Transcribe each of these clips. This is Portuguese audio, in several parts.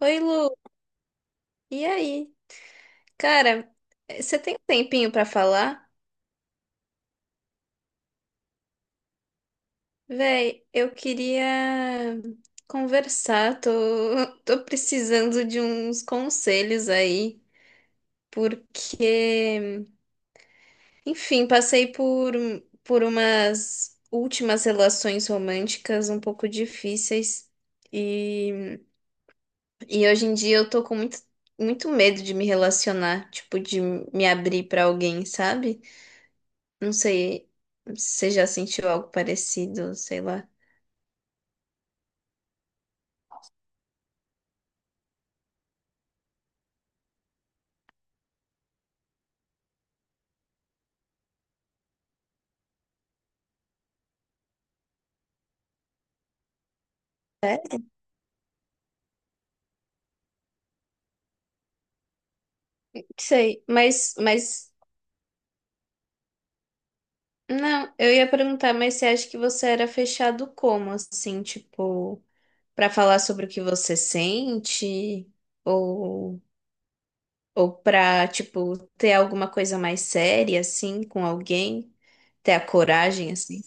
Oi, Lu. E aí? Cara, você tem um tempinho pra falar? Véi, eu queria conversar, tô, tô precisando de uns conselhos aí, porque, enfim, passei por umas últimas relações românticas um pouco difíceis e, e hoje em dia eu tô com muito, muito medo de me relacionar, tipo, de me abrir pra alguém, sabe? Não sei se você já sentiu algo parecido, sei lá. É? Não sei, mas, não, eu ia perguntar, mas você acha que você era fechado como, assim, tipo, pra falar sobre o que você sente, ou, ou pra, tipo, ter alguma coisa mais séria, assim, com alguém, ter a coragem, assim?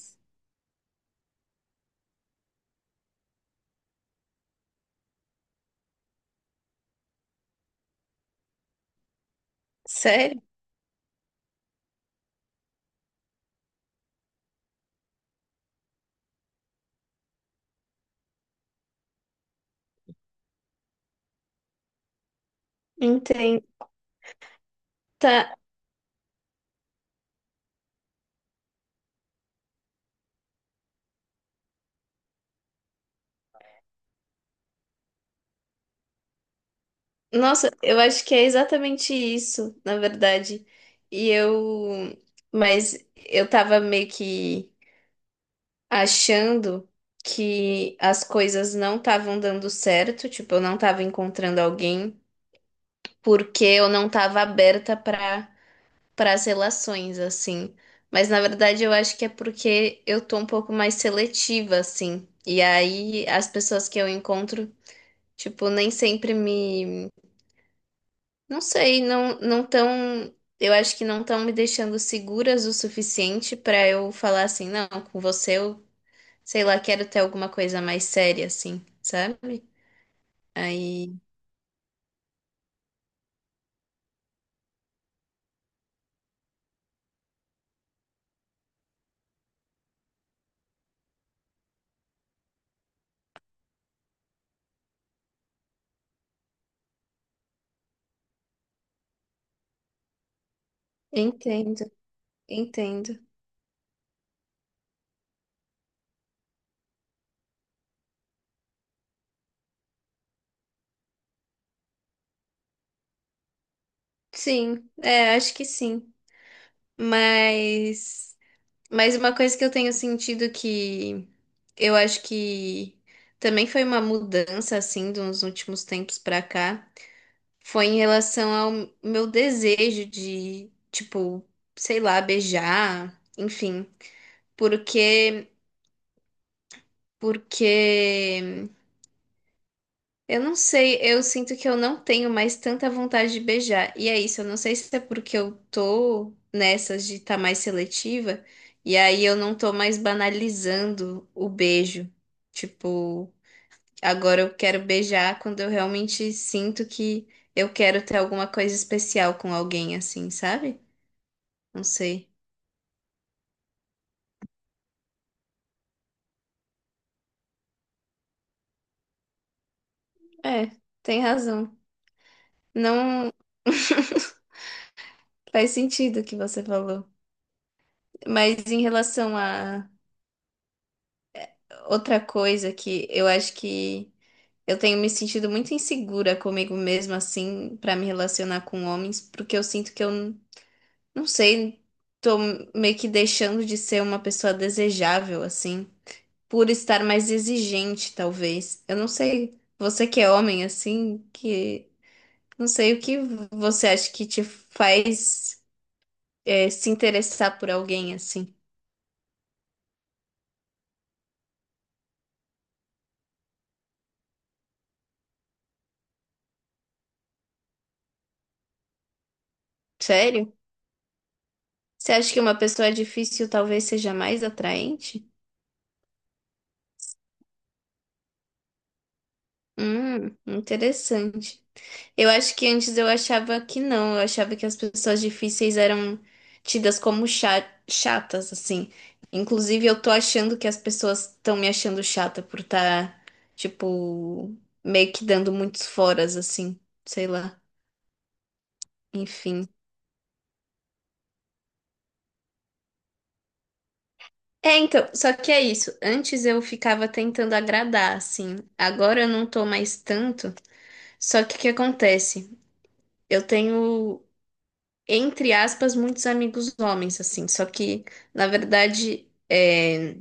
Sério? Entendo. Tá. Nossa, eu acho que é exatamente isso, na verdade. E eu. Mas eu tava meio que achando que as coisas não estavam dando certo, tipo, eu não tava encontrando alguém, porque eu não tava aberta para as relações, assim. Mas na verdade eu acho que é porque eu tô um pouco mais seletiva, assim. E aí as pessoas que eu encontro, tipo, nem sempre me. Não sei, não tão. Eu acho que não estão me deixando seguras o suficiente pra eu falar assim, não, com você eu, sei lá, quero ter alguma coisa mais séria, assim, sabe? Aí. Entendo, entendo. Sim, é, acho que sim. Mas. Mas uma coisa que eu tenho sentido que eu acho que também foi uma mudança, assim, dos últimos tempos pra cá. Foi em relação ao meu desejo de, tipo, sei lá, beijar, enfim. Porque, porque eu não sei, eu sinto que eu não tenho mais tanta vontade de beijar. E é isso, eu não sei se é porque eu tô nessas de estar mais seletiva, e aí eu não tô mais banalizando o beijo. Tipo, agora eu quero beijar quando eu realmente sinto que eu quero ter alguma coisa especial com alguém, assim, sabe? Não sei. É, tem razão. Não faz sentido o que você falou. Mas em relação a outra coisa que eu acho que eu tenho me sentido muito insegura comigo mesma, assim, pra me relacionar com homens, porque eu sinto que não sei, tô meio que deixando de ser uma pessoa desejável, assim, por estar mais exigente, talvez. Eu não sei, você que é homem, assim, que não sei o que você acha que te faz. É, se interessar por alguém assim. Sério? Você acha que uma pessoa difícil talvez seja mais atraente? Interessante. Eu acho que antes eu achava que não, eu achava que as pessoas difíceis eram tidas como chatas, assim. Inclusive, eu tô achando que as pessoas estão me achando chata por estar, tipo, meio que dando muitos foras, assim, sei lá. Enfim. É, então, só que é isso. Antes eu ficava tentando agradar, assim. Agora eu não tô mais tanto. Só que o que acontece? Eu tenho, entre aspas, muitos amigos homens, assim. Só que, na verdade, é,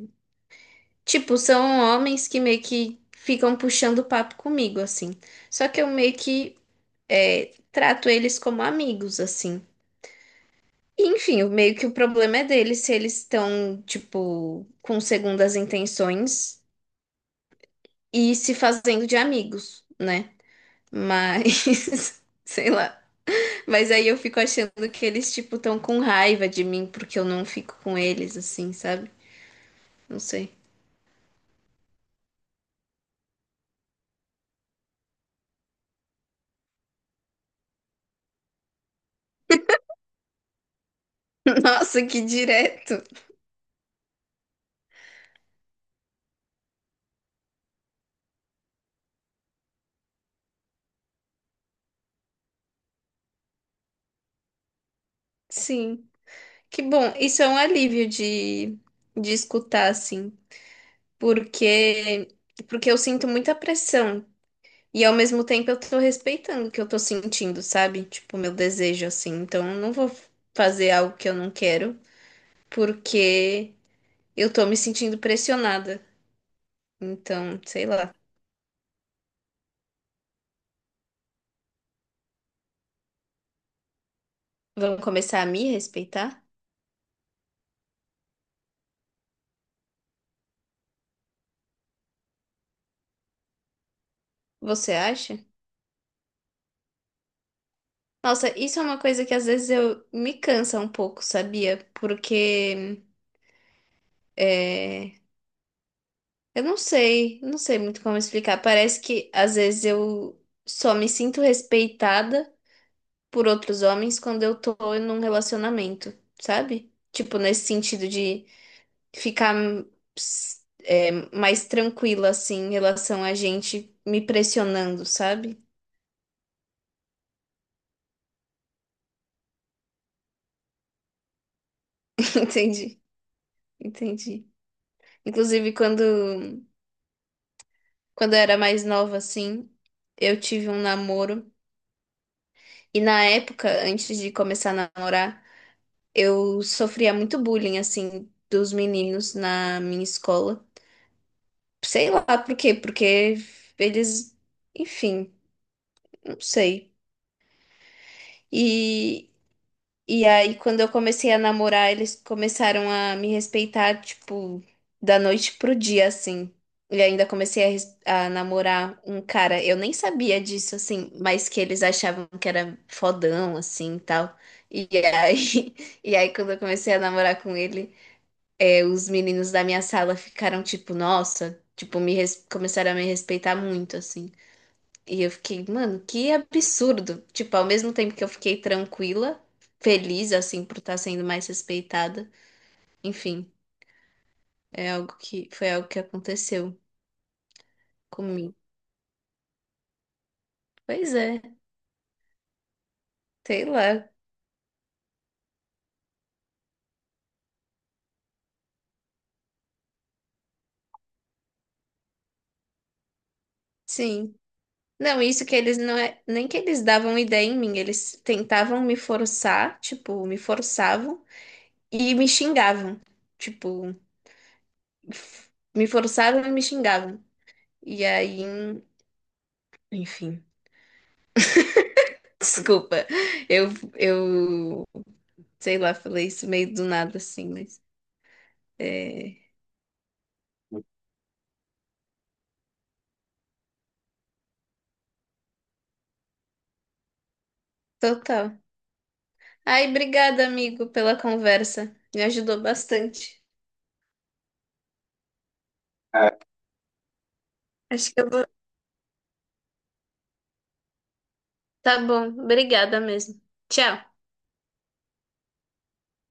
tipo, são homens que meio que ficam puxando papo comigo, assim. Só que eu meio que é, trato eles como amigos, assim. E, enfim, meio que o problema é deles se eles estão, tipo, com segundas intenções e se fazendo de amigos, né? Mas, sei lá. Mas aí eu fico achando que eles, tipo, tão com raiva de mim porque eu não fico com eles, assim, sabe? Não sei. Nossa, que direto. Sim. Que bom. Isso é um alívio de escutar, assim. Porque, porque eu sinto muita pressão. E ao mesmo tempo eu tô respeitando o que eu tô sentindo, sabe? Tipo, meu desejo, assim. Então eu não vou fazer algo que eu não quero. Porque. Eu tô me sentindo pressionada. Então, sei lá. Vão começar a me respeitar? Você acha? Nossa, isso é uma coisa que às vezes eu me cansa um pouco, sabia? Porque é, eu não sei, não sei muito como explicar. Parece que às vezes eu só me sinto respeitada por outros homens quando eu tô num relacionamento, sabe? Tipo, nesse sentido de ficar é, mais tranquila, assim, em relação a gente me pressionando, sabe? Entendi, entendi. Inclusive, quando eu era mais nova, assim, eu tive um namoro. E na época, antes de começar a namorar, eu sofria muito bullying, assim, dos meninos na minha escola. Sei lá por quê, porque eles, enfim, não sei. e E aí, quando eu comecei a namorar, eles começaram a me respeitar, tipo, da noite pro dia, assim. E ainda comecei a namorar um cara, eu nem sabia disso, assim, mas que eles achavam que era fodão, assim, e tal. E aí, e aí quando eu comecei a namorar com ele, é, os meninos da minha sala ficaram, tipo, nossa, tipo, começaram a me respeitar muito, assim. E eu fiquei, mano, que absurdo. Tipo, ao mesmo tempo que eu fiquei tranquila, feliz, assim, por estar sendo mais respeitada. Enfim, é algo que foi algo que aconteceu comigo. Pois é, sei lá. Sim. Não, isso que eles não é, nem que eles davam ideia em mim, eles tentavam me forçar, tipo, me forçavam e me xingavam. Tipo, f- me forçavam e me xingavam. E aí, enfim, desculpa. Eu, eu sei lá, falei isso meio do nada assim, mas é total. Ai, obrigada, amigo, pela conversa. Me ajudou bastante. Acho que eu vou. Tá bom, obrigada mesmo. Tchau.